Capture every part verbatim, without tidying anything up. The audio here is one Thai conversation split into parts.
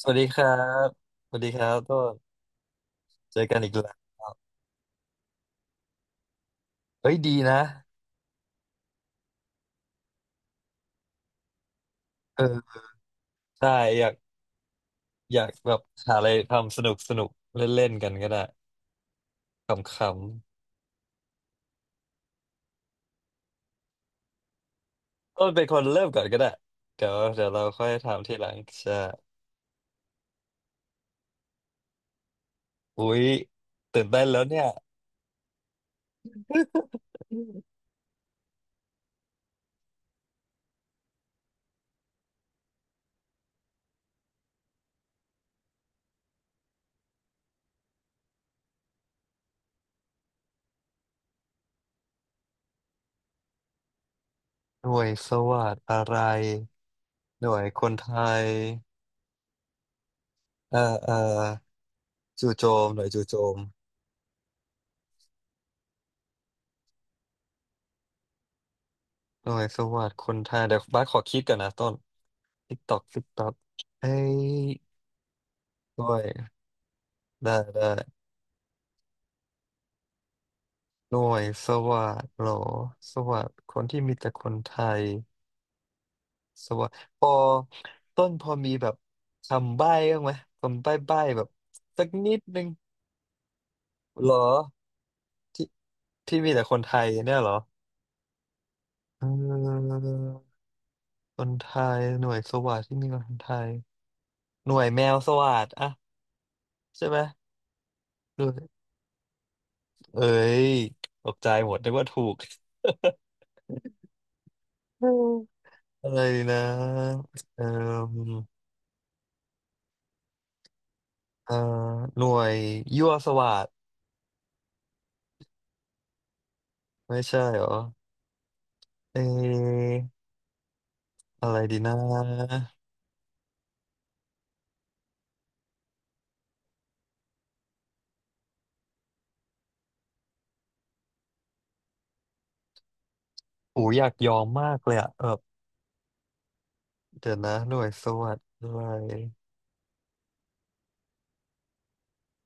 สวัสดีครับ สวัสดีครับก็เจอกันอีกแล้วเฮ้ยดีนะเออใช่อยากอยากแบบหาอะไรทำสนุกสนุกเล่นเล่นกันก็ได้ขำๆต้นเป็นคนเริ่มก่อนก็ได้เดี๋ยวเดี๋ยวเราค่อยถามทีหลังใช่อุ๊ยตื่นเต้นแล้วเนี่ยหน่วยสวัสดอะไรหน่วยคนไทยเอ่อเอ่อจู่โจมหน่วยจู่โจมหน่วยสวัสดคนไทยเดี๋ยวบ้าสขอคิดก่อนนะต้นติ๊กตอกติ๊กตอกเอ้ยด้วยได้ได้ หน่วยสวัสดิ์เหรอสวัสดิ์คนที่มีแต่คนไทยสวัสดิ์พอต้นพอมีแบบคำใบ้บ้างไหมคำใบ้ใบ้แบบสักนิดนึงเหรอที่ที่มีแต่คนไทยเนี่ยเหรอเออคนไทยหน่วยสวัสดิ์ที่มีแต่คนไทยหน่วยแมวสวัสดิ์อะใช่ไหมหน่วยเอ้ยตกใจหมดนึกว่าถูก อืมอะไรนะเออเอ่อหน่วยยั่วสวัสด ไม่ใช่เหรอ เอออะไรดีนะอูอยากยอมมากเลยอะแบบเดี๋ยวนะหน่วยสวัสดิ์ด้วย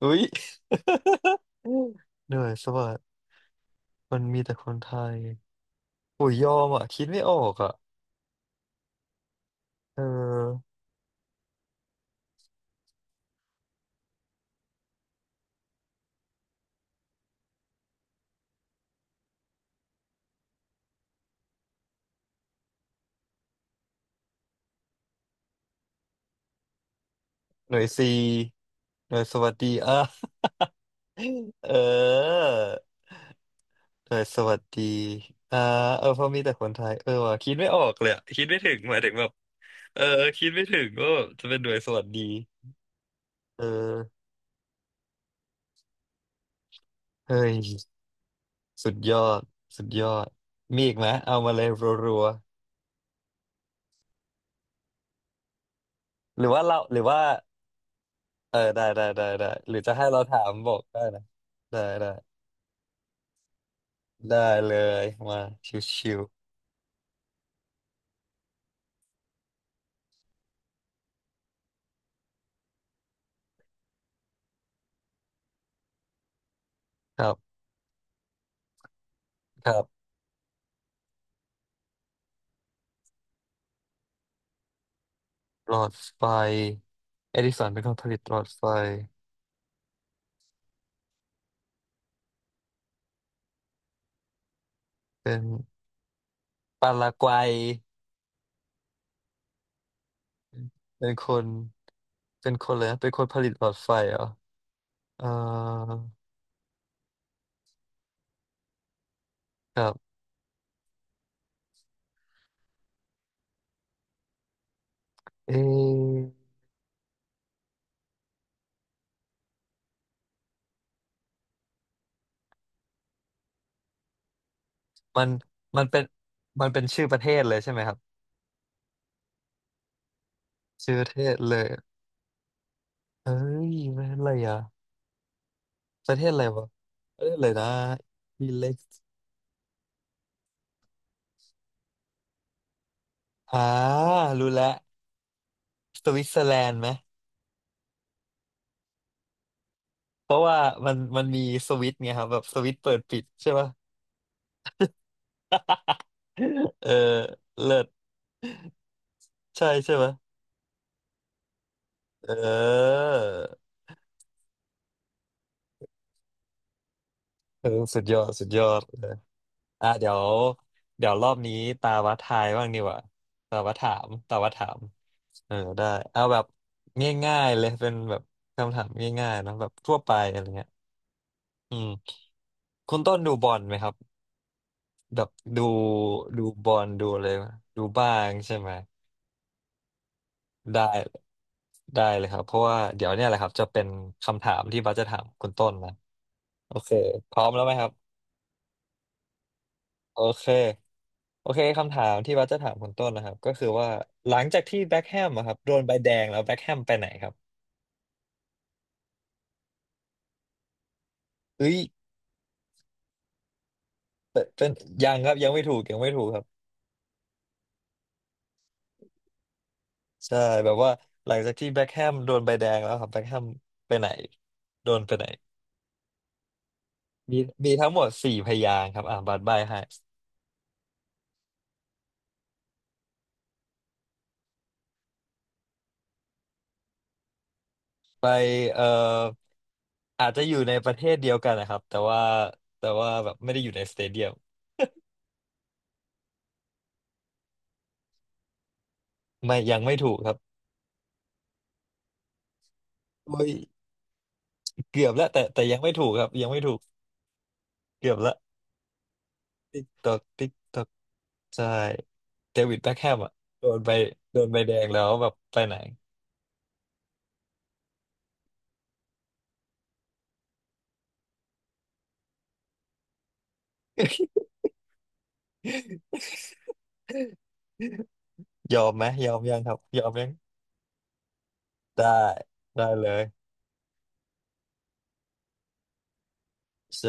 อุ้ย อืมเหน่อยสวัสดิมันมีแต่คนไทยโอ้ยยอมอะคิดไม่ออกอะเออหน่วยซีหน่วยสวัสดีอ่ะ เออหน่วยสวัสดีอ่าเออเพราะมีแต่คนไทยเออว่ะคิดไม่ออกเลยอะคิดไม่ถึงหมายถึงแบบเออคิดไม่ถึงว่าบจะเป็นหน่วยสวัสดีเออเฮ้ย สุดยอดสุดยอดมีอีกไหมเอามาเลยรัวๆหรือว่าเราหรือว่าเออได้ได้ได้ได้หรือจะให้เราถามบอกได้นะได้ได้ได้เลยมาชิวๆครับครับหลอดไฟเอดิสันเป็นคนผลิตหลอดไฟเป็นปารากวัยเป็นคนเป็นคนเลยนะเป็นคนผลิตหลอดไฟเหรอเออครับเอะมันมันเป็นมันเป็นชื่อประเทศเลยใช่ไหมครับชื่อประเทศเลย เฮ้ยมันอะไรอ่ะประเทศอะไรวะประเทศอะไรนะมีเล็กอ่ารู้แล้วสวิตเซอร์แลนด์ไหมเพราะว่ามันมันมีสวิตช์ไงครับแบบสวิตช์เปิดปิดใช่ป่ะเออเลิศใช่ใช่ป่ะเออเออสุดยอดสุดยอดเอออ่ะเดี๋ยวเดี๋ยวรอบนี้ตาวัดทายบ้างดีกว่าตาวัดถามตาวัดถามเออได้เอาแบบง่ายๆเลยเป็นแบบคำถามง่ายๆเนอะแบบทั่วไปอะไรเงี้ยอืม คุณต้นดูบอลไหมครับแบบดูดูบอลดูอะไรไหมดูบ้างใช่ไหมได้ได้เลยครับเพราะว่าเดี๋ยวเนี่ยแหละครับจะเป็นคำถามที่บัสจะถามคุณต้นนะโอเคพร้อมแล้วไหมครับโอเคโอเคคำถามที่บัสจะถามคุณต้นนะครับก็คือว่าหลังจากที่แบ็คแฮมอะครับโดนใบแดงแล้วแบ็คแฮมไปไหนครับเอ้ยเป็นเป็นยังครับยังไม่ถูกยังไม่ถูกครับใช่แบบว่าหลังจากที่แบ็คแฮมโดนใบแดงแล้วครับแบ็คแฮมไปไหนโดนไปไหน มีมีทั้งหมดสี่พยางค์ครับอ่าบัตรใบให้ไปเอ่ออาจจะอยู่ในประเทศเดียวกันนะครับแต่ว่าแต่ว่าแบบไม่ได้อยู่ในสเตเดียมไม่ยังไม่ถูกครับโอ้ยเกือบแล้วแต่แต่ยังไม่ถูกครับยังไม่ถูกเกือบละติ๊กตอกติ๊กตอกใช่เดวิดแบ็คแฮมอ่ะโดนใบโดนใบแดงแล้วแบบไปไหนยอมไหมยอมยังครับยอมยังได้ได้เลยใช่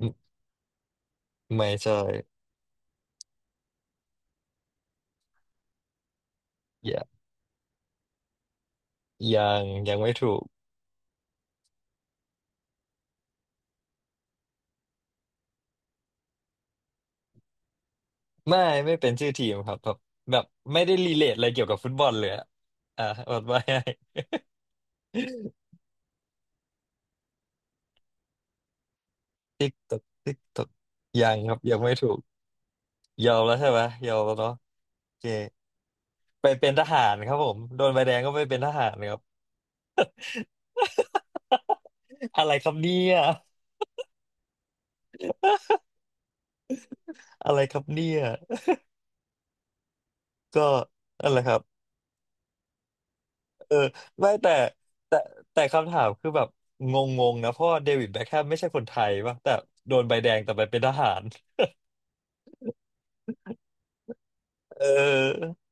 ไม่ไม่ใช่อย่ายังยังไม่ถูก ไม่ไม่เป็นชื่อทีมครับแบบแบบไม่ได้รีเลทอะไรเกี่ยวกับฟุตบอลเลยอะอ่ะ อดไว้ให้ ติ๊กตอกติ๊กตอกยังครับยังไม่ถูกยอมแล้วใช่ไหมยอมแล้วเนาะโอเคไปเป็นทหารครับผมโดนใบแดงก็ไปเป็นทหารครับ อะไรครับเนี่ยอะไรครับเนี่ยก็อะไรครับเออไม่แต่แต่แต่คำถามคือแบบงงๆนะเพราะว่าเดวิดแบ็คแฮมไม่ใช่คนไทยป่ะแต่โดนใบแดงแต่ไปเป็นทหารเออ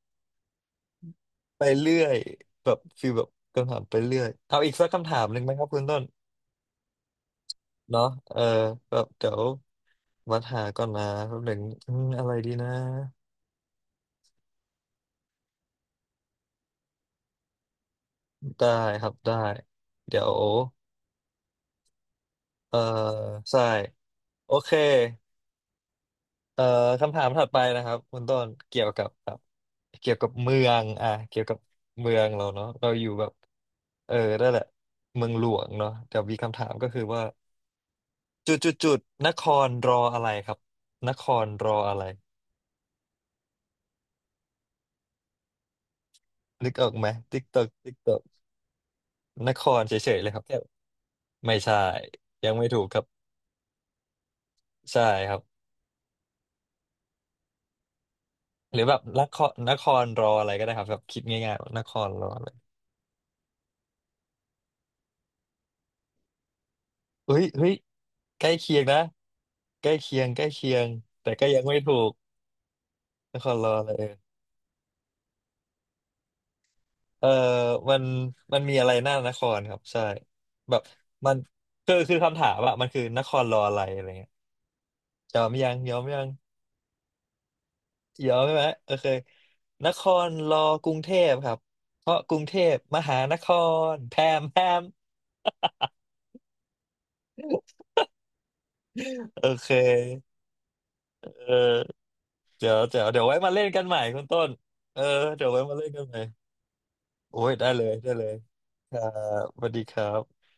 ไปเรื่อยแบบฟีลแบบคำถามไปเรื่อยเอาอีกสักคำถามหนึ่งไหมครับคุณต้นเนาะเออแบบเดี๋ยววัดหาก่อนนะแป๊บหนึ่งอืมอะไรดีนะได้ครับได้เดี๋ยวเออใช่โอเคเอ่อคำถามถัดไปนะครับคุณต้นเกี่ยวกับแบบเกี่ยวกับเมืองอ่ะเกี่ยวกับเมืองเราเนาะเราอยู่แบบเออนั่นแหละเมืองหลวงเนาะเดี๋ยวมีคำถามก็คือว่า จุดจุดจุดนครรออะไรครับนครรออะไรนึกออกไหมติ๊กตอกติ๊กตอกนครเฉยๆเลยครับแค่ไม่ใช่ยังไม่ถูกครับใช่ครับหรือแบบนครนครรออะไรก็ได้ครับแบบคิดง่ายๆว่านครรออะไรเฮ้ยเฮ้ยใกล้เคียงนะใกล้เคียงใกล้เคียงแต่ก็ยังไม่ถูกนครรออะไรเออมันมันมีอะไรหน้านครครับใช่แบบมันคือคือคำถามอะมันคือนครรออะไรอะไรเงี้ยยอมยังยอมยัง เดียอมใช่ไหมโอเคนครรอกรุงเทพครับเพราะกรุงเทพมหานครแพมแพม โอเคเออเดี๋ยวเดี๋ยวเดี๋ยวไว้มาเล่นกันใหม่คุณต้นเออเดี๋ยวไว้มาเล่นกันใหม่โอ้ยได้เลยได้เลยครับสวัสดีครับ